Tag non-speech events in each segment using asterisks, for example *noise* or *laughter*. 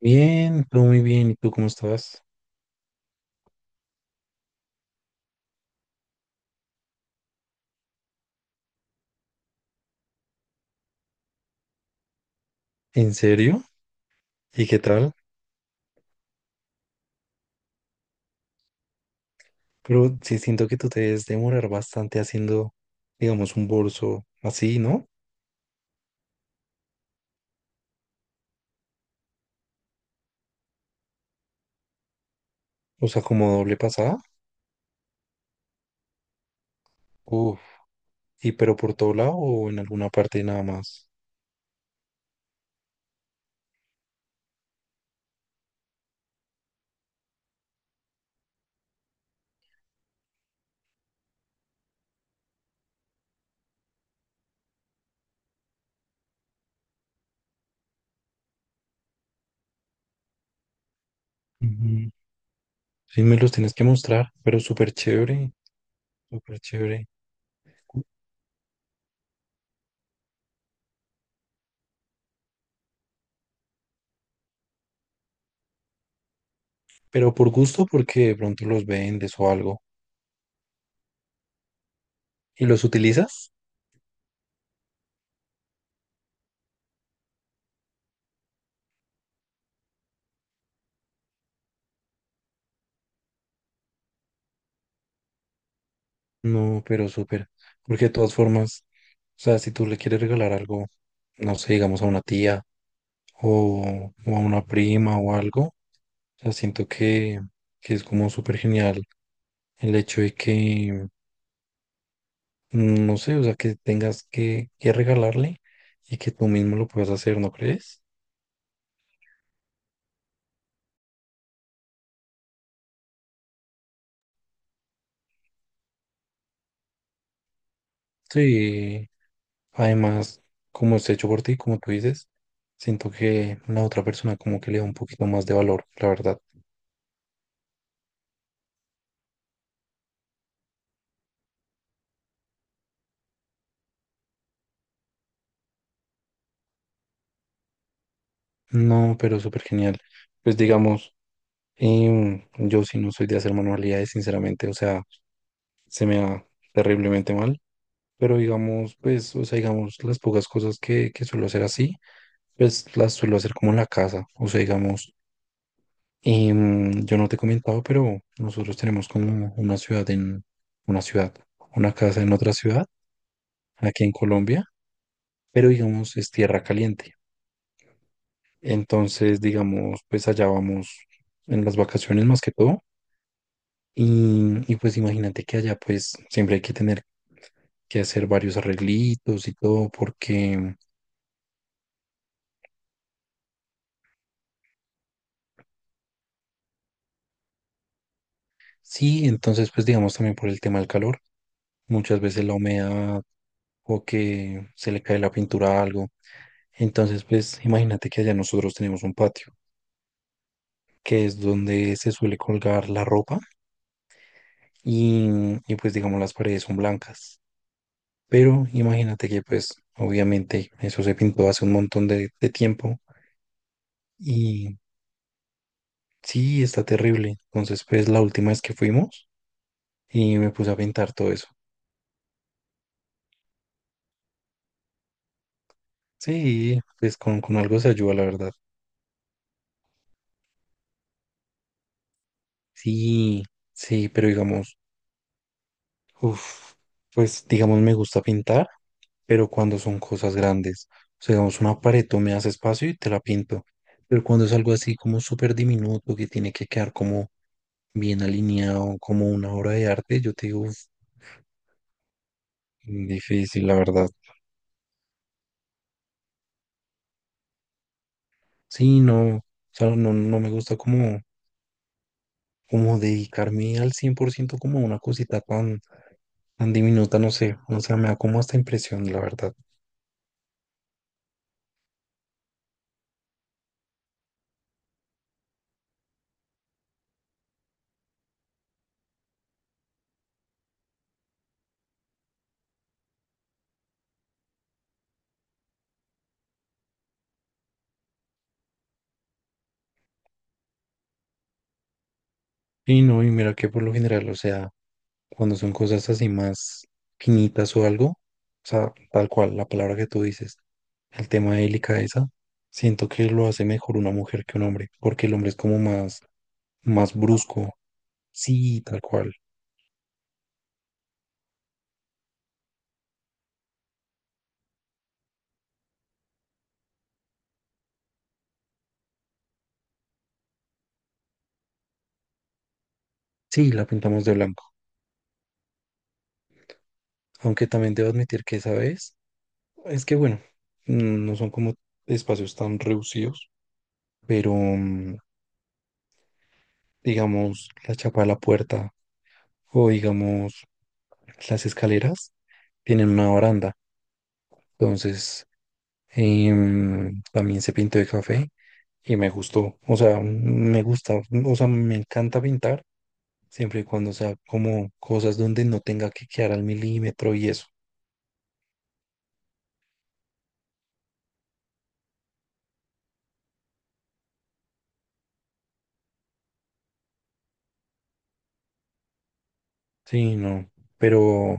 Bien, todo muy bien. ¿Y tú cómo estás? ¿En serio? ¿Y qué tal? Pero sí siento que tú te debes demorar bastante haciendo, digamos, un bolso así, ¿no? O sea, como doble pasada. Uf. ¿Y pero por todo lado o en alguna parte nada más? Ujú. Sí, me los tienes que mostrar, pero súper chévere, súper chévere. Pero por gusto, porque de pronto los vendes o algo. ¿Y los utilizas? No, pero súper. Porque de todas formas, o sea, si tú le quieres regalar algo, no sé, digamos a una tía o a una prima o algo, o sea, siento que es como súper genial el hecho de que, no sé, o sea, que tengas que regalarle y que tú mismo lo puedas hacer, ¿no crees? Sí, además, como es hecho por ti, como tú dices, siento que la otra persona como que le da un poquito más de valor, la verdad. No, pero súper genial. Pues digamos. Y yo sí no soy de hacer manualidades, sinceramente, o sea, se me da terriblemente mal, pero digamos, pues, o sea, digamos, las pocas cosas que suelo hacer así, pues las suelo hacer como en la casa, o sea, digamos, yo no te he comentado, pero nosotros tenemos como una ciudad en, una ciudad, una casa en otra ciudad, aquí en Colombia, pero digamos, es tierra caliente. Entonces, digamos, pues allá vamos en las vacaciones más que todo. Y pues imagínate que allá pues siempre hay que tener que hacer varios arreglitos y todo porque sí, entonces pues digamos también por el tema del calor, muchas veces la humedad o que se le cae la pintura a algo. Entonces pues imagínate que allá nosotros tenemos un patio que es donde se suele colgar la ropa y, y pues digamos las paredes son blancas. Pero imagínate que pues obviamente eso se pintó hace un montón de tiempo. Y sí, está terrible. Entonces, pues la última vez que fuimos y me puse a pintar todo eso. Sí, pues con algo se ayuda, la verdad. Sí, sí, pero digamos, uf, pues digamos me gusta pintar, pero cuando son cosas grandes. O sea, digamos, una pared, tú me das espacio y te la pinto. Pero cuando es algo así como súper diminuto, que tiene que quedar como bien alineado, como una obra de arte, yo te digo, uf, difícil, la verdad. Sí, no, o sea, no, no me gusta como como dedicarme al 100% como a una cosita tan, tan diminuta, no sé, o sea, me da como hasta impresión, la verdad. Y no, y mira que por lo general, o sea, cuando son cosas así más finitas o algo, o sea, tal cual, la palabra que tú dices, el tema de delicadeza, siento que lo hace mejor una mujer que un hombre, porque el hombre es como más, más brusco, sí, tal cual, sí, la pintamos de blanco, aunque también debo admitir que esa vez es que bueno, no son como espacios tan reducidos, pero digamos la chapa de la puerta o digamos las escaleras tienen una baranda. Entonces también se pintó de café y me gustó. O sea, me gusta, o sea, me encanta pintar siempre y cuando sea como cosas donde no tenga que quedar al milímetro y eso. Sí, no, pero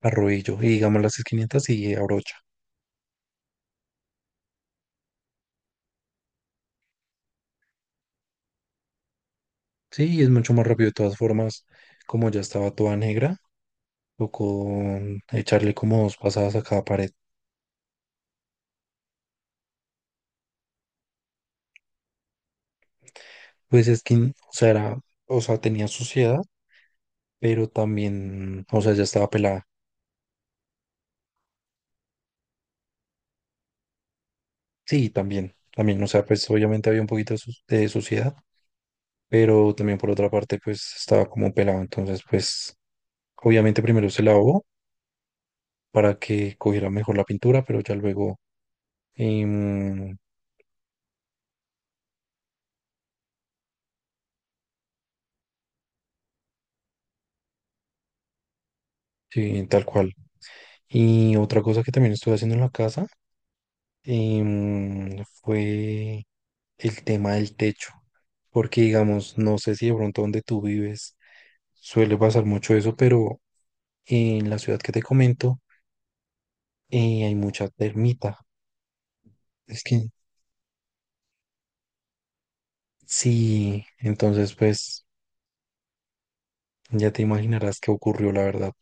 arrodillo y digamos las esquinitas y abrocho. Sí, es mucho más rápido de todas formas, como ya estaba toda negra, o con echarle como dos pasadas a cada pared. Pues es que, o sea, era, o sea, tenía suciedad, pero también, o sea, ya estaba pelada. Sí, también, también, o sea, pues obviamente había un poquito de, su- de suciedad, pero también por otra parte, pues estaba como pelado. Entonces, pues, obviamente primero se lavó para que cogiera mejor la pintura, pero ya luego, em, sí, tal cual. Y otra cosa que también estuve haciendo en la casa fue el tema del techo, porque digamos, no sé si de pronto donde tú vives suele pasar mucho eso, pero en la ciudad que te comento hay mucha termita. Es que sí, entonces pues ya te imaginarás qué ocurrió, la verdad.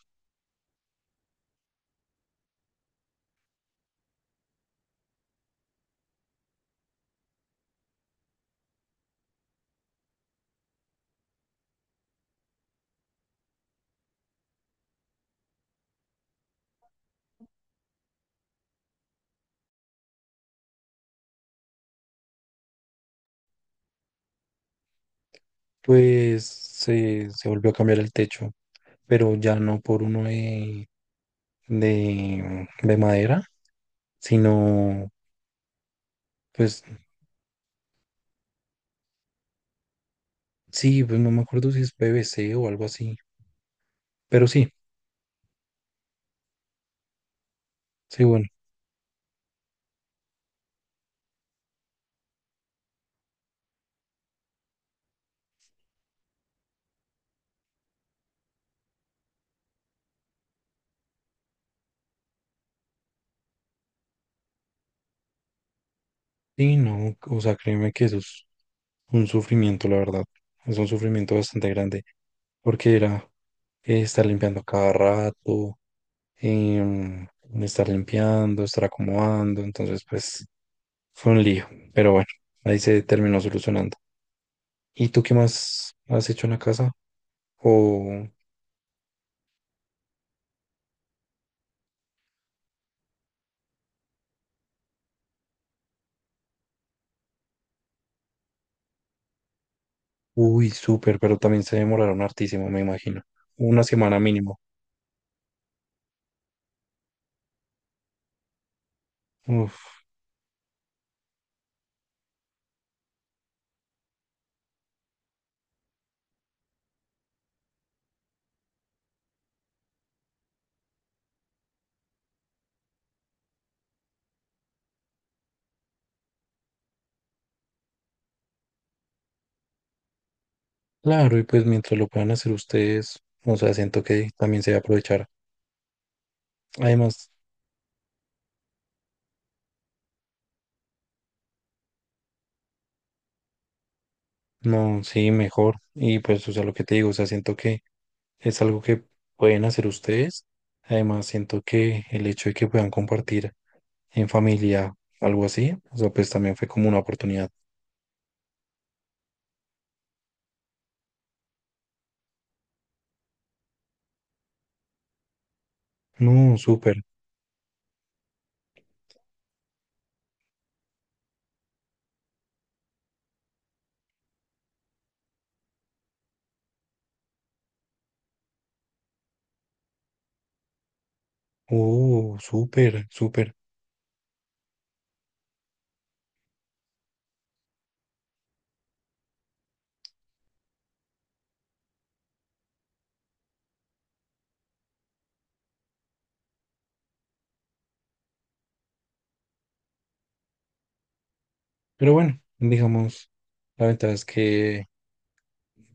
Pues se volvió a cambiar el techo, pero ya no por uno de madera sino pues sí, pues no me acuerdo si es PVC o algo así, pero sí, sí, bueno, sí, no, o sea, créeme que eso es un sufrimiento, la verdad, es un sufrimiento bastante grande, porque era estar limpiando cada rato, em, estar limpiando, estar acomodando, entonces pues fue un lío, pero bueno, ahí se terminó solucionando. ¿Y tú qué más has hecho en la casa? O, uy, súper, pero también se demoraron hartísimo, me imagino, una semana mínimo. Uf. Claro, y pues mientras lo puedan hacer ustedes, o sea, siento que también se va a aprovechar. Además, no, sí, mejor. Y pues, o sea, lo que te digo, o sea, siento que es algo que pueden hacer ustedes. Además, siento que el hecho de que puedan compartir en familia algo así, o sea, pues también fue como una oportunidad. No, súper, oh, súper, súper. Pero bueno, digamos, la ventaja es que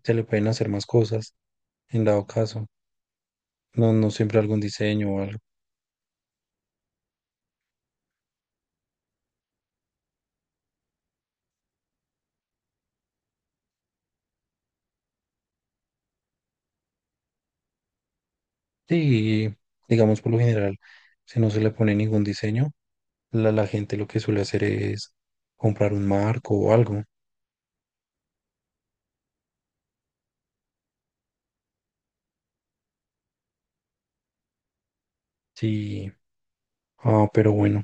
se le pueden hacer más cosas en dado caso. No, no siempre algún diseño o algo. Sí, digamos por lo general, si no se le pone ningún diseño, la gente lo que suele hacer es comprar un marco o algo. Sí, ah, pero bueno,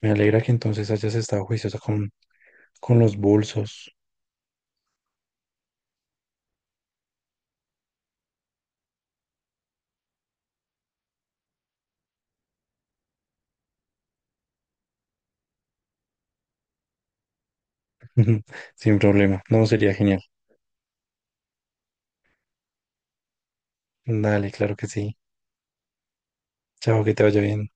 me alegra que entonces hayas estado juiciosa con los bolsos. *laughs* Sin problema, no, sería genial. Dale, claro que sí. Chao, que te vaya bien.